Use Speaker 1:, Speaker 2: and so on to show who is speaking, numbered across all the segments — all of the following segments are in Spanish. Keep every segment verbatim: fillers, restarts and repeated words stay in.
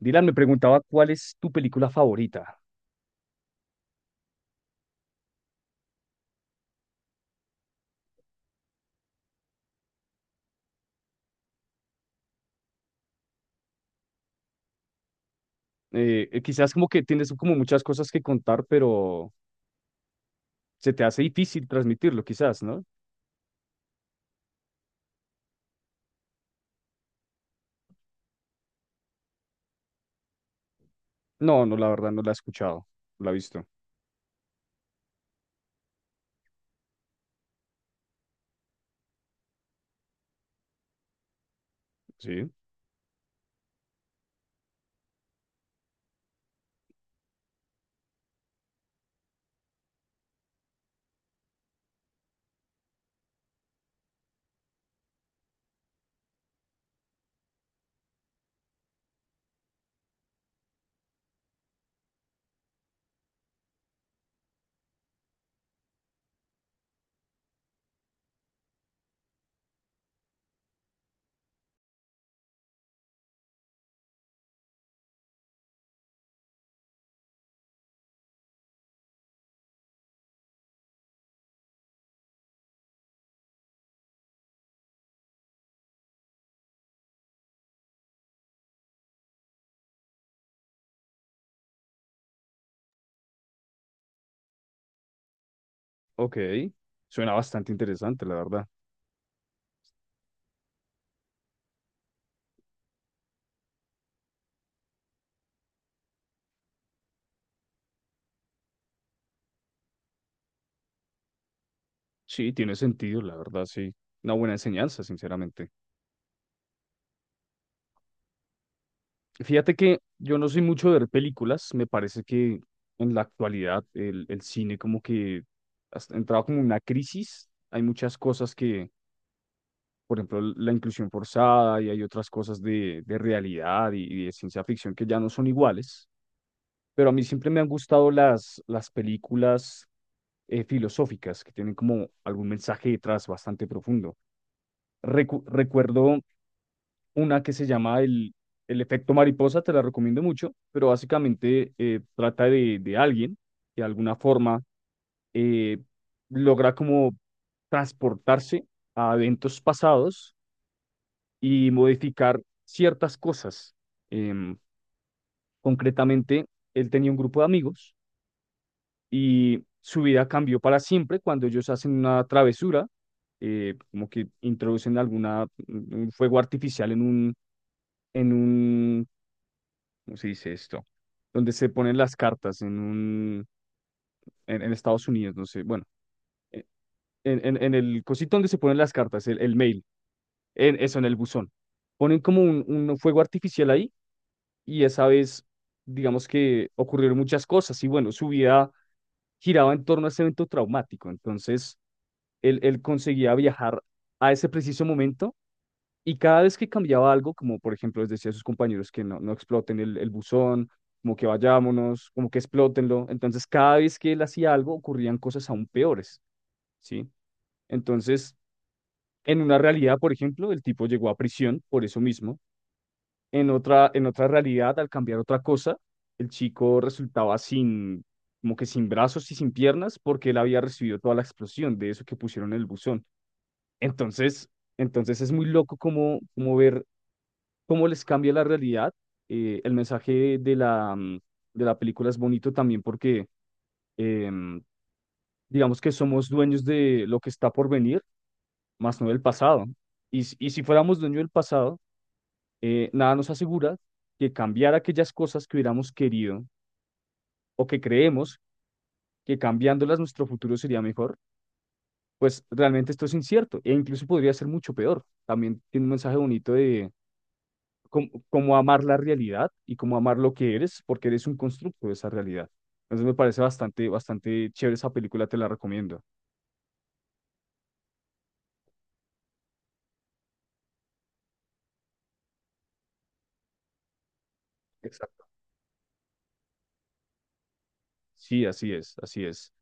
Speaker 1: Dylan me preguntaba cuál es tu película favorita. Eh, eh, quizás como que tienes como muchas cosas que contar, pero se te hace difícil transmitirlo, quizás, ¿no? No, no, la verdad no la he escuchado, no la he visto. Sí, ok. Suena bastante interesante, la verdad. Sí, tiene sentido, la verdad, sí. Una buena enseñanza, sinceramente. Fíjate que yo no soy mucho de ver películas, me parece que en la actualidad el, el cine como que ha entrado como en una crisis, hay muchas cosas que por ejemplo, la inclusión forzada y hay otras cosas de, de realidad y, y de ciencia ficción que ya no son iguales, pero a mí siempre me han gustado las, las películas eh, filosóficas que tienen como algún mensaje detrás bastante profundo. Recu- recuerdo una que se llama El, El efecto mariposa, te la recomiendo mucho, pero básicamente eh, trata de, de alguien que de alguna forma eh, logra como transportarse a eventos pasados y modificar ciertas cosas. Em, Concretamente, él tenía un grupo de amigos y su vida cambió para siempre cuando ellos hacen una travesura, eh, como que introducen alguna, un fuego artificial en un, en un, ¿cómo se dice esto? Donde se ponen las cartas en un, en, en Estados Unidos, no sé, bueno, eh, en, en, en el cosito donde se ponen las cartas, el, el mail, en eso, en el buzón. Ponen como un un fuego artificial ahí y esa vez, digamos que ocurrieron muchas cosas y bueno, su vida giraba en torno a ese evento traumático, entonces él, él conseguía viajar a ese preciso momento y cada vez que cambiaba algo, como por ejemplo les decía a sus compañeros que no, no exploten el, el buzón, como que vayámonos, como que explótenlo, entonces cada vez que él hacía algo ocurrían cosas aún peores, ¿sí? Entonces, en una realidad, por ejemplo, el tipo llegó a prisión por eso mismo. En otra, en otra realidad, al cambiar otra cosa, el chico resultaba sin, como que sin brazos y sin piernas porque él había recibido toda la explosión de eso que pusieron en el buzón. Entonces, entonces es muy loco como, como ver cómo les cambia la realidad. Eh, el mensaje de la, mm, de la película es bonito también porque em, digamos que somos dueños de lo que está por venir, más no del pasado. Y, s- y si fuéramos dueños del pasado, eh, nada nos asegura que cambiar aquellas cosas que hubiéramos querido o que creemos que cambiándolas nuestro futuro sería mejor, pues realmente esto es incierto e incluso podría ser mucho peor. También tiene un mensaje bonito de cómo, cómo amar la realidad y cómo amar lo que eres, porque eres un constructo de esa realidad. Entonces me parece bastante, bastante chévere esa película, te la recomiendo. Exacto. Sí, así es, así es.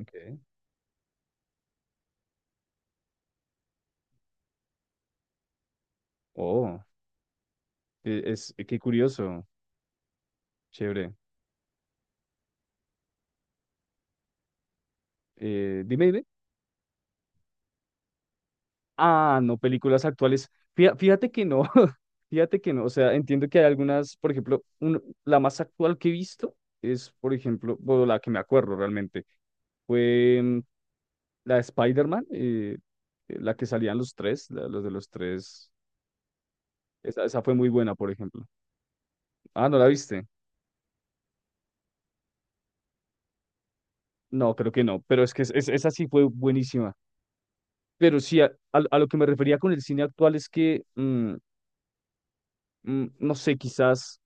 Speaker 1: Okay. Oh, e- es, qué curioso, chévere. Eh, dime, dime. Ah, no, películas actuales. Fía- Fíjate que no, fíjate que no. O sea, entiendo que hay algunas, por ejemplo, un- la más actual que he visto es, por ejemplo, bueno, la que me acuerdo realmente, fue mm, la de Spider-Man, eh, eh, la que salían los tres, la- los de los tres. Esa, esa fue muy buena, por ejemplo. Ah, ¿no la viste? No, creo que no, pero es que es- es- esa sí fue buenísima. Pero sí, a, a- a lo que me refería con el cine actual es que, mm, mm, no sé, quizás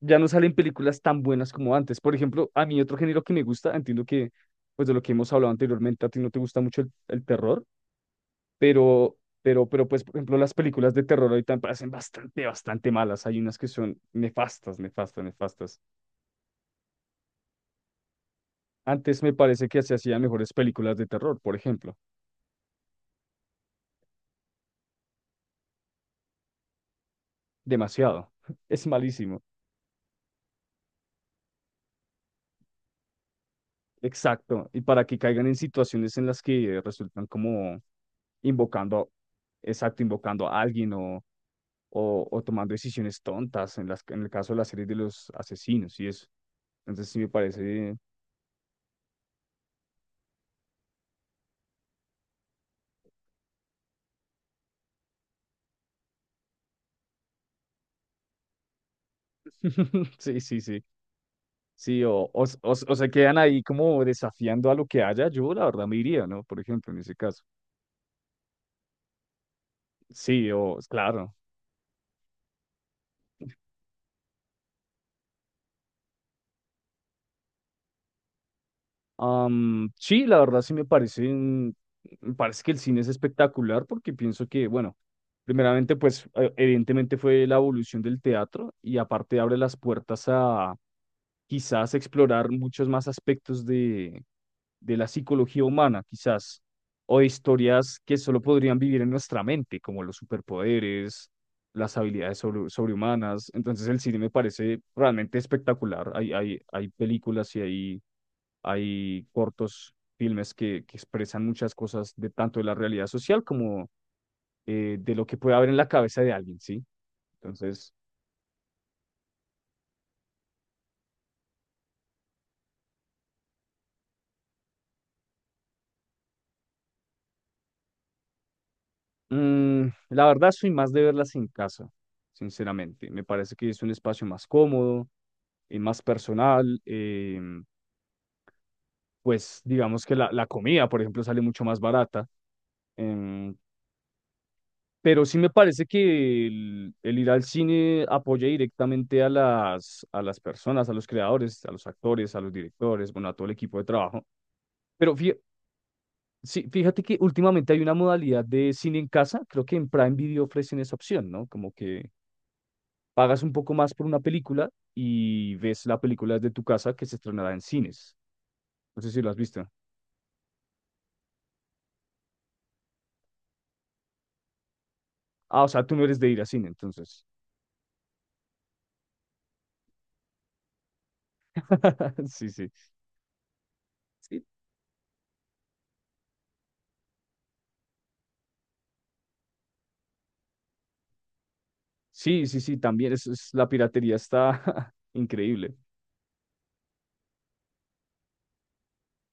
Speaker 1: ya no salen películas tan buenas como antes. Por ejemplo, a mí otro género que me gusta, entiendo que, pues de lo que hemos hablado anteriormente, a ti no te gusta mucho el, el terror, pero, pero, pero, pues, por ejemplo, las películas de terror ahorita me parecen bastante, bastante malas. Hay unas que son nefastas, nefastas, nefastas. Antes me parece que se hacían mejores películas de terror, por ejemplo. Demasiado. Es malísimo. Exacto. Y para que caigan en situaciones en las que resultan como invocando, exacto, invocando a alguien o o, o tomando decisiones tontas en las, en el caso de la serie de los asesinos y eso. Entonces sí me parece, sí, sí, sí, sí, o, o, s- o, s- o se quedan ahí como desafiando a lo que haya, yo la verdad me iría, ¿no? Por ejemplo, en ese caso. Sí, o claro. Am, sí, la verdad sí me parece, un- me parece que el cine es espectacular porque pienso que, bueno, primeramente pues e- evidentemente fue la evolución del teatro y aparte abre las puertas a quizás explorar muchos más aspectos de la psicología humana, quizás, o de historias que solo podrían vivir en nuestra mente, como los superpoderes, las habilidades sobre- sobrehumanas. Entonces el cine me parece realmente espectacular. Hay, hay, hay películas y hay, hay cortos filmes que, que expresan muchas cosas de tanto de la realidad social como eh, de lo que puede haber en la cabeza de alguien, ¿sí? Entonces, mm, la verdad soy más de verlas en casa, sinceramente. Me parece que es un espacio más cómodo eh, más personal. Eh, pues digamos que la, la comida, por ejemplo, sale mucho más barata. em, pero sí me parece que el, el ir al cine apoya directamente a las, a las personas, a los creadores, a los actores, a los directores, bueno, a todo el equipo de trabajo. Pero fí- sí, fíjate que últimamente hay una modalidad de cine en casa, creo que en Prime Video ofrecen esa opción, ¿no? Como que pagas un poco más por una película y ves la película desde tu casa que se estrenará en cines. No sé si lo has visto. Ah, o sea, tú no eres de ir a cine, entonces. Sí, sí. Sí, sí, sí, sí, también. Es, es- la piratería está increíble.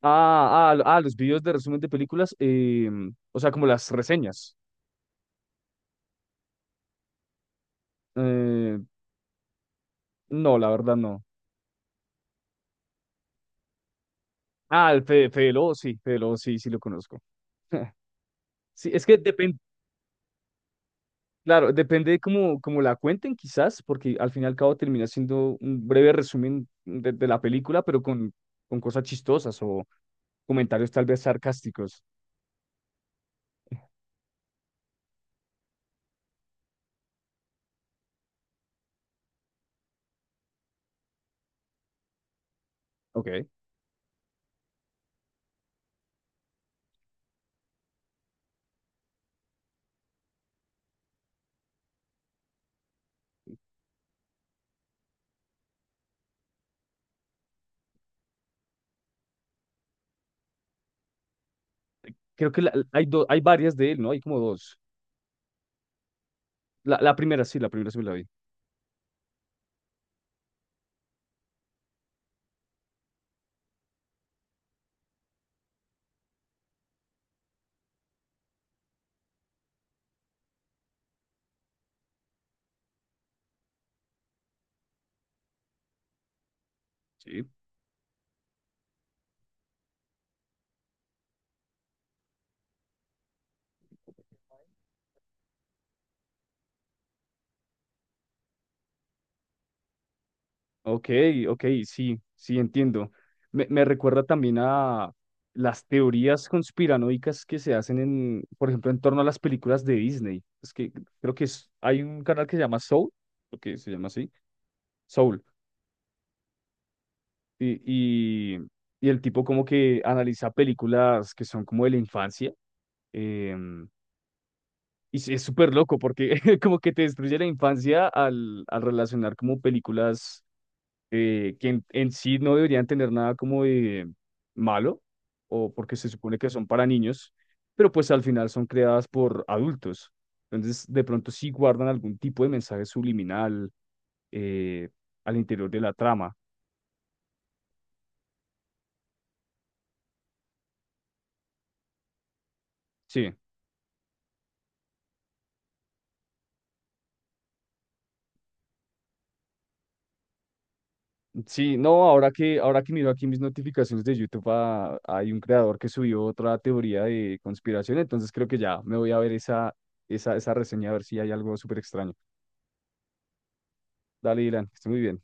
Speaker 1: Ah, ah, lo- ah, los videos de resumen de películas, em, o sea, como las reseñas. Eh, no, la verdad no. Ah, el Fede, Fede Lobo, sí, Fede Lobo, sí, sí lo conozco. Sí, es que depende, claro, depende de cómo, cómo la cuenten quizás, porque al fin y al cabo termina siendo un breve resumen de, de la película, pero con, con cosas chistosas o comentarios tal vez sarcásticos. Ok. Creo que la- hay, do- hay varias de él, ¿no? Hay como dos. La, la primera sí, la primera sí me la vi. Sí. Ok, ok, sí, sí, entiendo. Me, me recuerda también a las teorías conspiranoicas que se hacen en, por ejemplo, en torno a las películas de Disney. Es que creo que es- hay un canal que se llama Soul, lo que se llama así, Soul. Y, y, y el tipo como que analiza películas que son como de la infancia. em, Y sí, es súper loco porque como que te destruye la infancia al, al relacionar como películas eh, que en, en sí no deberían tener nada como de malo o porque se supone que son para niños, pero pues al final son creadas por adultos. Entonces de pronto sí guardan algún tipo de mensaje subliminal eh, al interior de la trama. Sí. Sí, no, ahora que, ahora que miro aquí mis notificaciones de YouTube, ah, hay un creador que subió otra teoría de conspiración, entonces creo que ya me voy a ver esa, esa, esa reseña a ver si hay algo súper extraño. Dale, Dylan, que esté muy bien.